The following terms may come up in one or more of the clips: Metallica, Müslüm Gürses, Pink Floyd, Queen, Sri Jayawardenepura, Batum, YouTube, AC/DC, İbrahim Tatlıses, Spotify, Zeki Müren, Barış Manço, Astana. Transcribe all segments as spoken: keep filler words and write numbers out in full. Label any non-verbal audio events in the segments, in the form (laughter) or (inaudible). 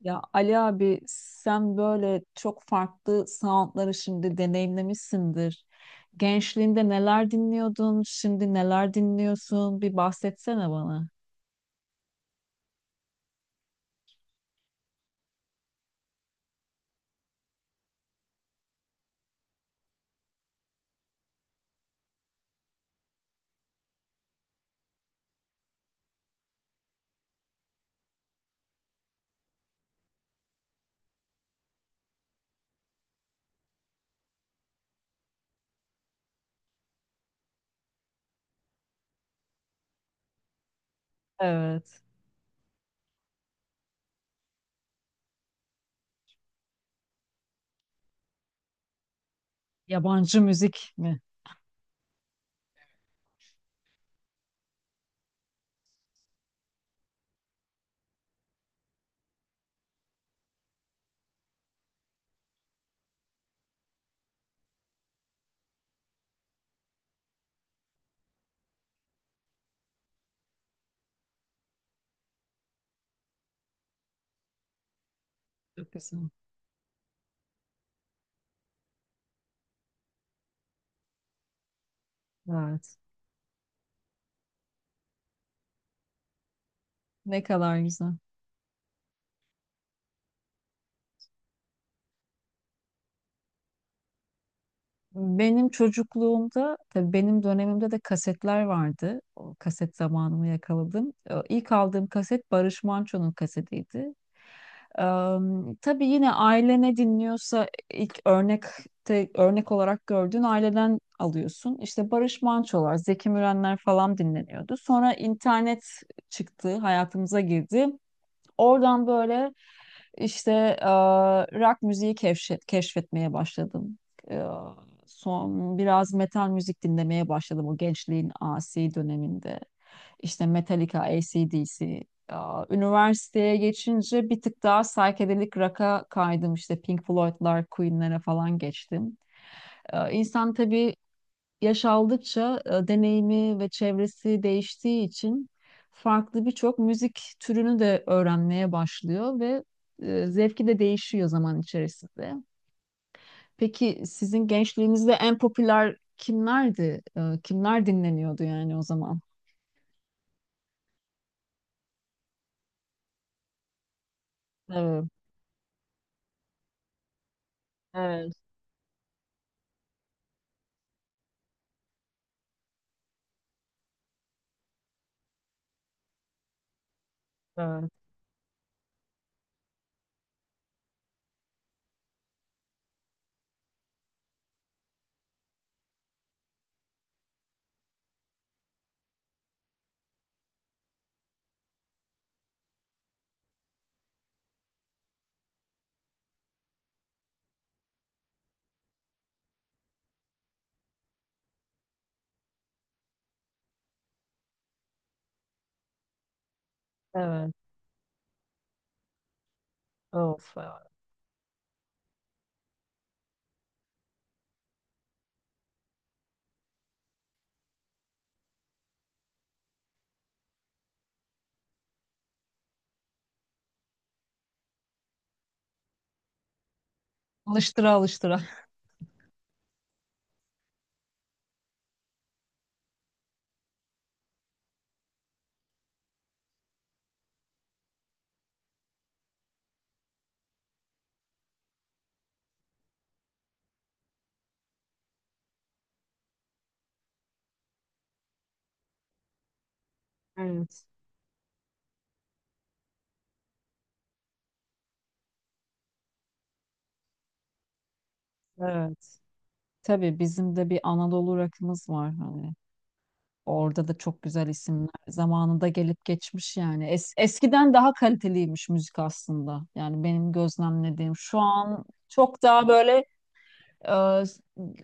Ya Ali abi sen böyle çok farklı soundları şimdi deneyimlemişsindir. Gençliğinde neler dinliyordun, şimdi neler dinliyorsun? Bir bahsetsene bana. Evet. Yabancı müzik mi? Çok güzel. Evet. Ne kadar güzel. Benim çocukluğumda, tabii benim dönemimde de kasetler vardı. O kaset zamanımı yakaladım. Ee, İlk aldığım kaset Barış Manço'nun kasetiydi. Ee, tabii yine aile ne dinliyorsa ilk örnekte örnek olarak gördüğün aileden alıyorsun. İşte Barış Manço'lar, Zeki Mürenler falan dinleniyordu. Sonra internet çıktı, hayatımıza girdi. Oradan böyle işte e, rock müziği keşfet, keşfetmeye başladım. E, Son biraz metal müzik dinlemeye başladım o gençliğin asi döneminde. İşte Metallica, A C/D C. E, üniversiteye geçince bir tık daha psychedelic rock'a kaydım. İşte Pink Floyd'lar, Queen'lere falan geçtim. E, insan tabii yaş aldıkça e, deneyimi ve çevresi değiştiği için farklı birçok müzik türünü de öğrenmeye başlıyor ve e, zevki de değişiyor zaman içerisinde. Peki sizin gençliğinizde en popüler kimlerdi? E, Kimler dinleniyordu yani o zaman? Evet, evet, evet, evet. Of, evet, alıştıra alıştıra. Evet. Evet. Tabii bizim de bir Anadolu rakımız var hani. Orada da çok güzel isimler zamanında gelip geçmiş yani. Es- eskiden daha kaliteliymiş müzik aslında. Yani benim gözlemlediğim şu an çok daha böyle e,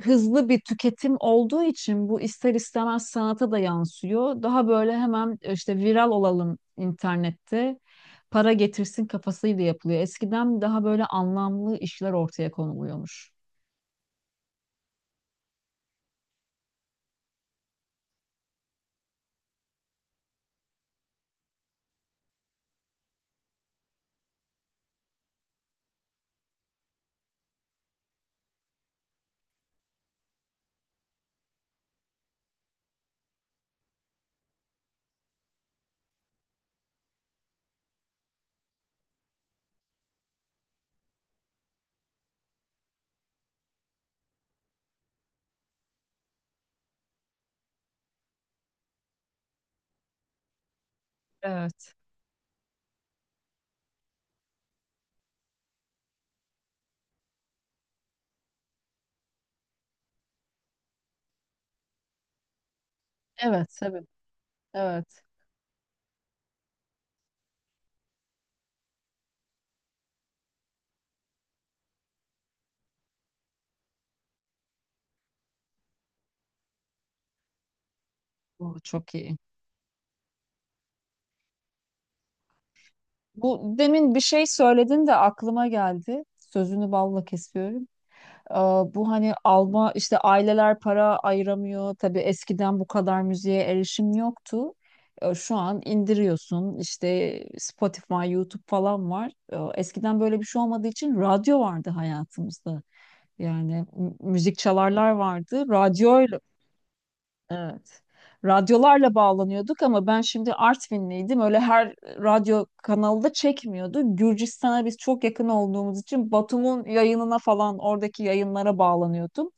hızlı bir tüketim olduğu için bu ister istemez sanata da yansıyor. Daha böyle hemen e, işte viral olalım internette para getirsin kafasıyla yapılıyor. Eskiden daha böyle anlamlı işler ortaya konuluyormuş. Evet. Evet, tabii. Evet. Bu çok iyi. Bu demin bir şey söyledin de aklıma geldi. Sözünü balla kesiyorum. Ee, Bu hani alma işte aileler para ayıramıyor. Tabii eskiden bu kadar müziğe erişim yoktu. Ee, şu an indiriyorsun işte Spotify, YouTube falan var. Ee, eskiden böyle bir şey olmadığı için radyo vardı hayatımızda. Yani m- müzik çalarlar vardı. Radyo. Evet. Radyolarla bağlanıyorduk ama ben şimdi Artvinliydim. Öyle her radyo kanalı da çekmiyordu. Gürcistan'a biz çok yakın olduğumuz için Batum'un yayınına falan oradaki yayınlara bağlanıyordum.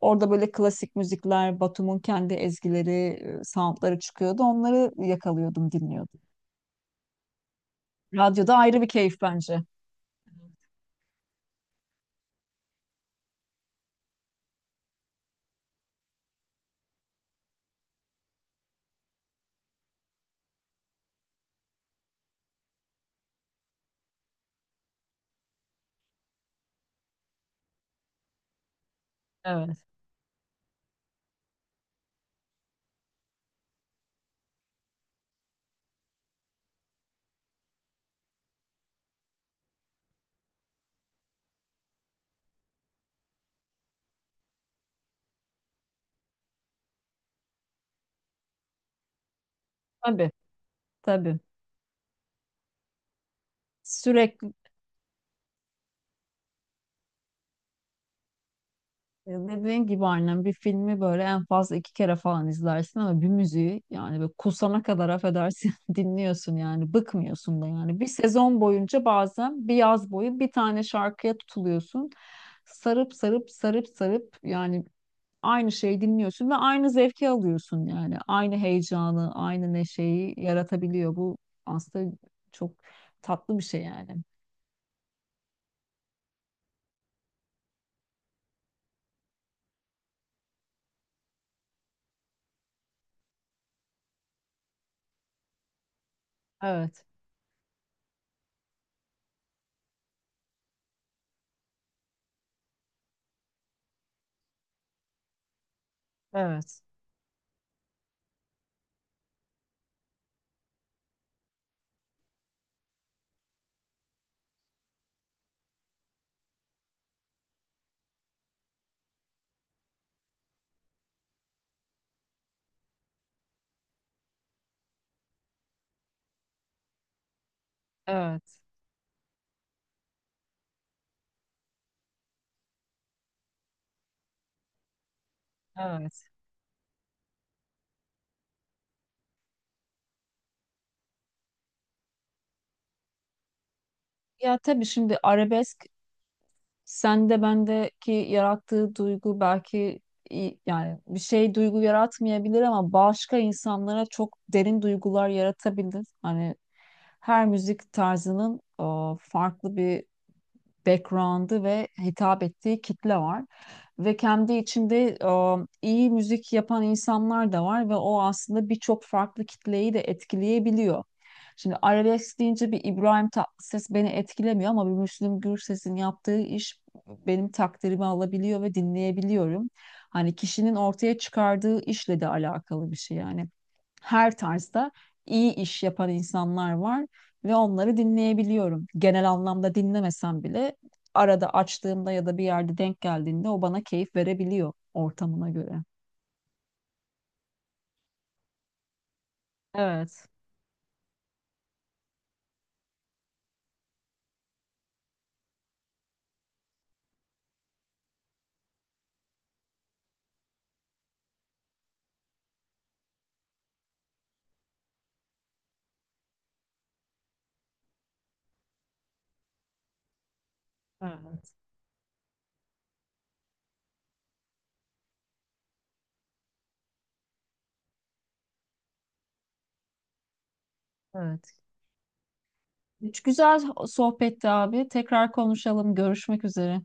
Orada böyle klasik müzikler, Batum'un kendi ezgileri, e, soundları çıkıyordu. Onları yakalıyordum, dinliyordum. Radyoda ayrı bir keyif bence. Evet. Tabii, tabii. Sürekli dediğin gibi annem bir filmi böyle en fazla iki kere falan izlersin ama bir müziği yani böyle kusana kadar affedersin (laughs) dinliyorsun yani bıkmıyorsun da yani. Bir sezon boyunca bazen bir yaz boyu bir tane şarkıya tutuluyorsun. Sarıp sarıp sarıp sarıp yani aynı şeyi dinliyorsun ve aynı zevki alıyorsun yani. Aynı heyecanı, aynı neşeyi yaratabiliyor. Bu aslında çok tatlı bir şey yani. Evet, evet, evet, evet. Ya tabii şimdi arabesk sende bendeki yarattığı duygu belki i- yani bir şey duygu yaratmayabilir ama başka insanlara çok derin duygular yaratabilir. Hani her müzik tarzının e, farklı bir background'ı ve hitap ettiği kitle var. Ve kendi içinde e, iyi müzik yapan insanlar da var ve o aslında birçok farklı kitleyi de etkileyebiliyor. Şimdi arabesk deyince bir İbrahim Tatlıses beni etkilemiyor ama bir Müslüm Gürses'in yaptığı iş benim takdirimi alabiliyor ve dinleyebiliyorum. Hani kişinin ortaya çıkardığı işle de alakalı bir şey yani. Her tarzda iyi iş yapan insanlar var ve onları dinleyebiliyorum. Genel anlamda dinlemesem bile arada açtığımda ya da bir yerde denk geldiğinde o bana keyif verebiliyor ortamına göre. Evet. Evet. Evet. Güzel sohbetti abi. Tekrar konuşalım. Görüşmek üzere.